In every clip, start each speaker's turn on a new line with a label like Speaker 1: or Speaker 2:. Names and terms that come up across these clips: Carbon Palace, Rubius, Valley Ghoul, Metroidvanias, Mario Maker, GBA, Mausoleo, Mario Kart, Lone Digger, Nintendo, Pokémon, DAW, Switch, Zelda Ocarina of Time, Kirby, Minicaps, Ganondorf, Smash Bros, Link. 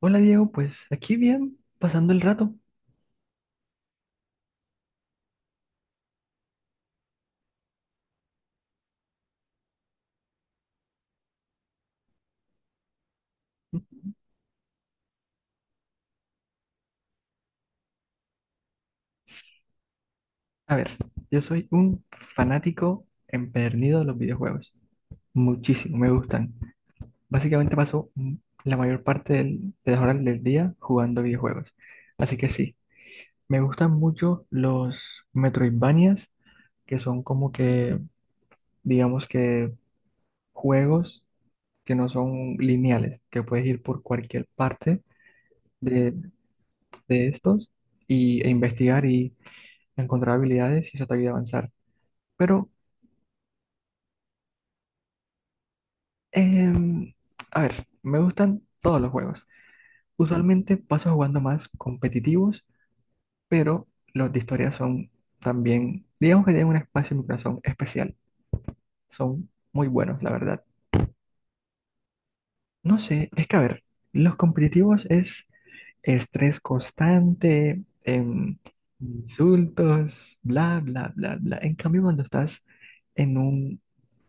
Speaker 1: Hola Diego, pues aquí bien, pasando el rato. A ver, yo soy un fanático empedernido de los videojuegos. Muchísimo, me gustan. Básicamente paso la mayor parte de las horas del día jugando videojuegos. Así que sí, me gustan mucho los Metroidvanias, que son como que, digamos que, juegos que no son lineales, que puedes ir por cualquier parte de, de estos y, e investigar encontrar habilidades y eso te ayuda a avanzar. Pero, em, a ver, me gustan todos los juegos. Usualmente paso jugando más competitivos, pero los de historia son también, digamos que tienen un espacio en mi corazón especial. Son muy buenos, la verdad. No sé, es que a ver, los competitivos es estrés constante, insultos, bla, bla, bla, bla. En cambio, cuando estás en un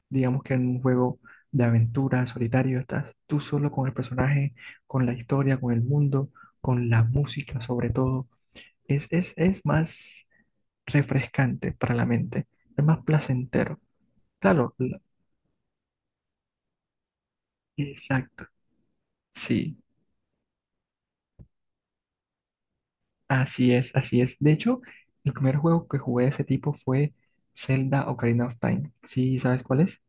Speaker 1: digamos que en un juego de aventura solitario, estás tú solo con el personaje, con la historia, con el mundo, con la música sobre todo. Es más refrescante para la mente, es más placentero. Claro, exacto, sí, así es, así es. De hecho, el primer juego que jugué de ese tipo fue Zelda Ocarina of Time. ¿Sí sabes cuál es?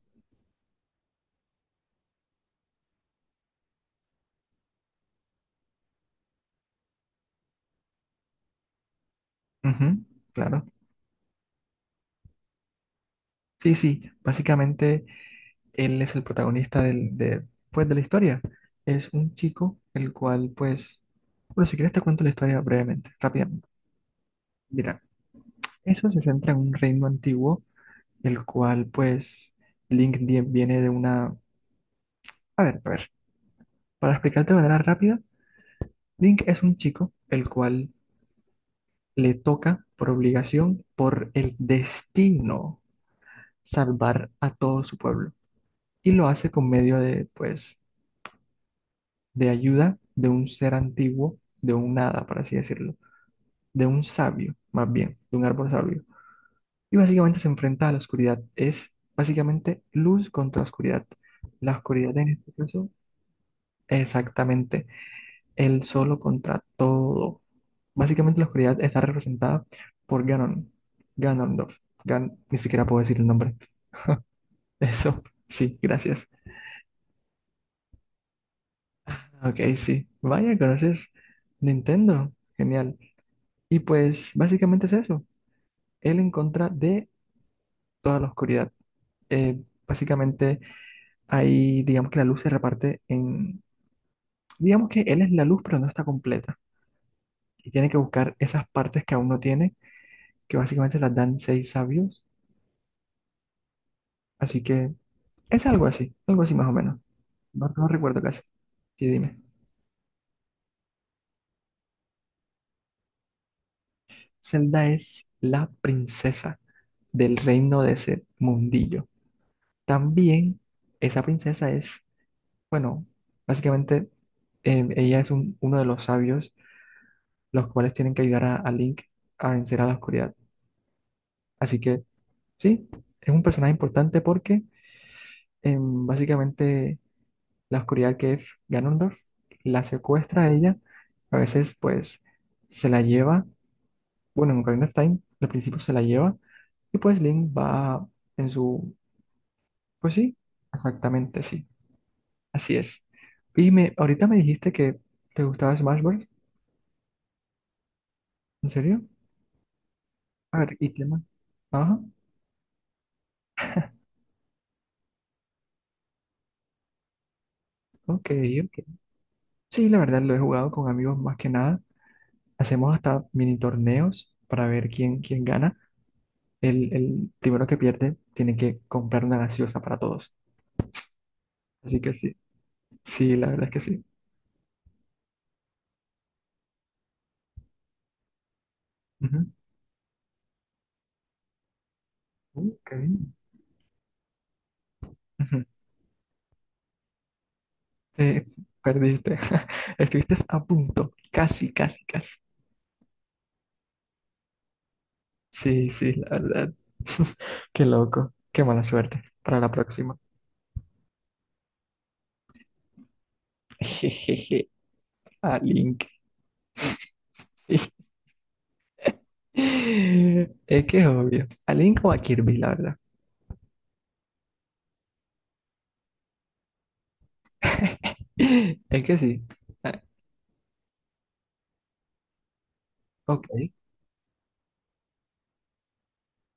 Speaker 1: Ujú, claro. Sí, sí, básicamente él es el protagonista pues, de la historia. Es un chico el cual, pues, bueno, si quieres te cuento la historia brevemente, rápidamente. Mira, eso se centra en un reino antiguo, el cual, pues, Link viene de una... a ver, para explicarte de manera rápida, Link es un chico el cual le toca por obligación, por el destino, salvar a todo su pueblo. Y lo hace con medio de, pues, de ayuda de un ser antiguo, de un nada, por así decirlo, de un sabio, más bien, de un árbol sabio. Y básicamente se enfrenta a la oscuridad. Es básicamente luz contra oscuridad. La oscuridad en este caso, exactamente, el solo contra todo. Básicamente la oscuridad está representada por Ganon, Ganondorf. Ni siquiera puedo decir el nombre. Eso, sí, gracias. Ok, sí. Vaya, conoces Nintendo. Genial. Y pues básicamente es eso. Él en contra de toda la oscuridad. Eh, Básicamente, ahí digamos que la luz se reparte en, digamos que él es la luz, pero no está completa. Y tiene que buscar esas partes que aún no tiene, que básicamente las dan seis sabios. Así que es algo así más o menos. No, no recuerdo casi. Sí, dime. Zelda es la princesa del reino de ese mundillo. También esa princesa es, bueno, básicamente ella es uno de los sabios los cuales tienen que ayudar a Link a vencer a la oscuridad. Así que sí, es un personaje importante porque básicamente la oscuridad que es Ganondorf la secuestra a ella, a veces pues se la lleva, bueno, en Ocarina of Time al principio se la lleva y pues Link va en su, pues sí, exactamente sí, así es. Y me, ahorita me dijiste que te gustaba Smash Bros. ¿En serio? A ver, ¿y qué más? Ajá, ok, ok. Sí, la verdad lo he jugado con amigos más que nada. Hacemos hasta mini torneos para ver quién gana. El primero que pierde tiene que comprar una gaseosa para todos. Así que sí, sí, la verdad es que sí. Ujú. Qué bien. Ujú. Sí, perdiste. Estuviste a punto. Casi, casi, casi. Sí, sí, la verdad. Qué loco. Qué mala suerte. Para la próxima. Jejeje. A Link. Es que es obvio. A Link o a Kirby, la verdad. Es que sí. Ah, ok.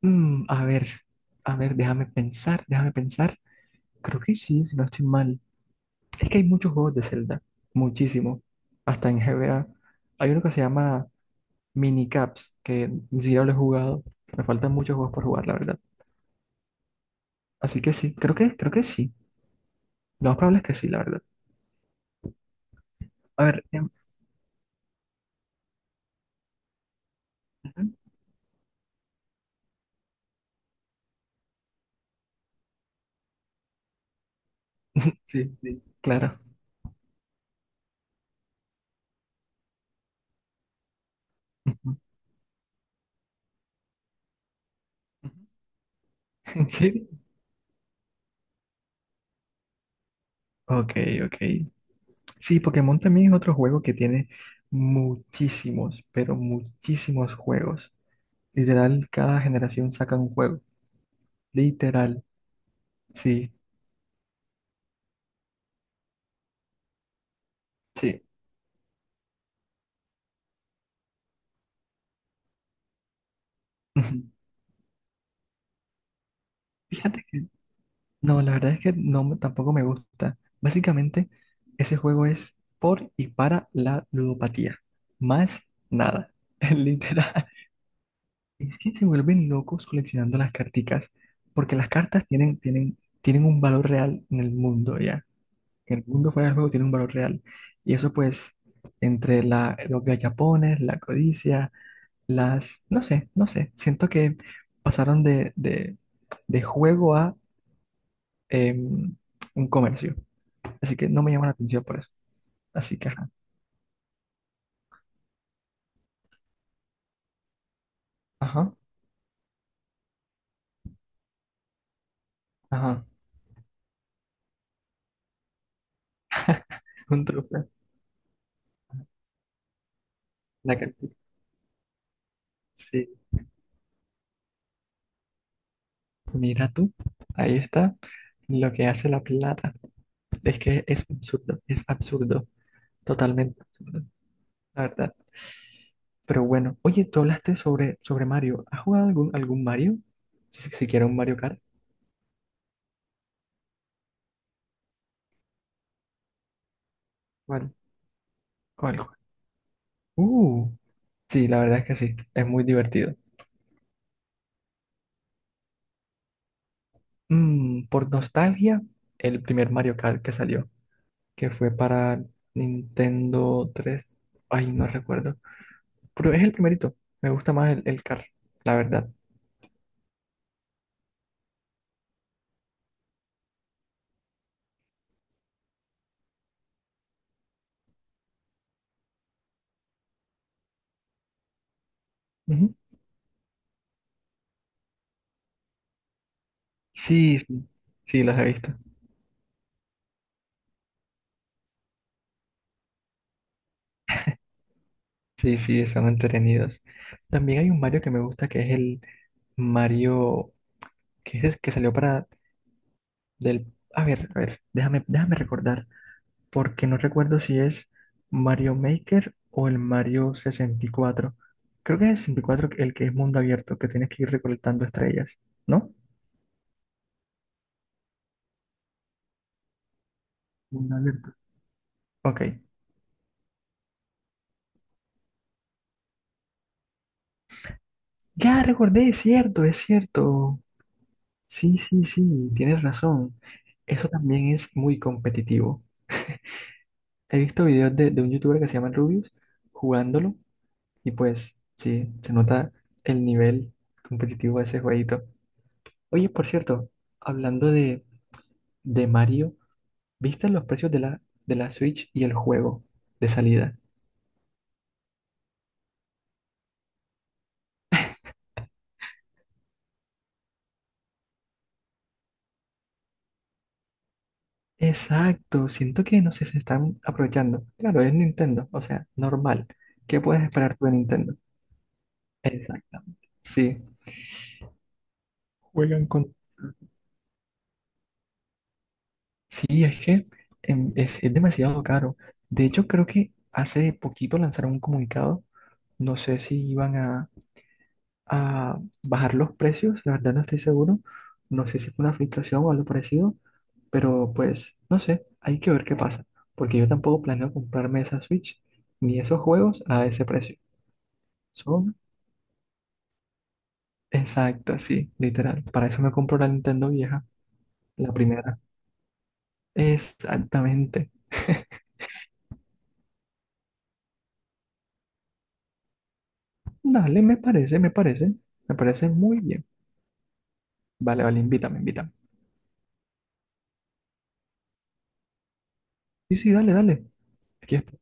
Speaker 1: A ver, a ver, déjame pensar, déjame pensar. Creo que sí, si no estoy mal. Es que hay muchos juegos de Zelda, muchísimo. Hasta en GBA. Hay uno que se llama Minicaps, que ni siquiera lo he jugado. Me faltan muchos juegos por jugar, la verdad. Así que sí, creo que sí. Lo más probable es que sí, la verdad. A ver, ujú, sí, sí, claro. Ujú, ujú. Sí, ok, ok. Sí, Pokémon también es otro juego que tiene muchísimos, pero muchísimos juegos. Literal, cada generación saca un juego. Literal, sí, sí. Ujú. Fíjate que, no, la verdad es que no, tampoco me gusta. Básicamente, ese juego es por y para la ludopatía. Más nada, literal. Es que se vuelven locos coleccionando las carticas, porque las cartas tienen un valor real en el mundo, ¿ya? Que el mundo fuera del juego tiene un valor real. Y eso pues, entre la, los gallapones, la codicia, las, no sé, no sé, siento que pasaron de juego a em, un comercio. Así que no me llama la atención por eso. Así que, ajá, ajá, ajá, un trofeo. La que- sí, mira tú, ahí está lo que hace la plata. Es que es absurdo, totalmente absurdo. La verdad. Pero bueno, oye, tú hablaste sobre Mario. ¿Has jugado algún Mario? Si, siquiera un Mario Kart. ¿Cuál? ¿Cuál? Uh, sí, la verdad es que sí, es muy divertido. Por nostalgia, el primer Mario Kart que salió, que fue para Nintendo 3 Ay, no recuerdo. Pero es el primerito. Me gusta más el Kart, la verdad. Ujú. Sí, sí, sí, los he visto. Sí, sí, son entretenidos. También hay un Mario que me gusta que es el Mario que es que salió para del... a ver, déjame recordar, porque no recuerdo si es Mario Maker o el Mario 64 Creo que es el 64 el que es mundo abierto, que tienes que ir recolectando estrellas, ¿no? Mundo abierto. Ok. Ya recordé, es cierto, es cierto. Sí, sí, sí, tienes razón. Eso también es muy competitivo. He visto videos de un youtuber que se llama Rubius jugándolo. Y pues sí, se nota el nivel competitivo de ese jueguito. Oye, por cierto, hablando de Mario, ¿viste los precios de de la Switch y el juego de salida? Exacto, siento que no sé, se están aprovechando. Claro, es Nintendo, o sea, normal. ¿Qué puedes esperar tú de Nintendo? Exactamente. Sí, juegan con... Sí, es que es demasiado caro. De hecho, creo que hace poquito lanzaron un comunicado, no sé si iban a bajar los precios, la verdad no estoy seguro, no sé si fue una filtración o algo parecido, pero pues no sé, hay que ver qué pasa, porque yo tampoco planeo comprarme esa Switch ni esos juegos a ese precio. Son Exacto, sí, literal, para eso me compro la Nintendo vieja, la primera. Exactamente. Dale, me parece, me parece, me parece muy bien. Vale, vale, invítame, invítame. Sí, sí, dale, dale. Aquí estoy.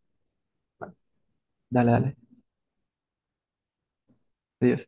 Speaker 1: Dale, dale. Adiós.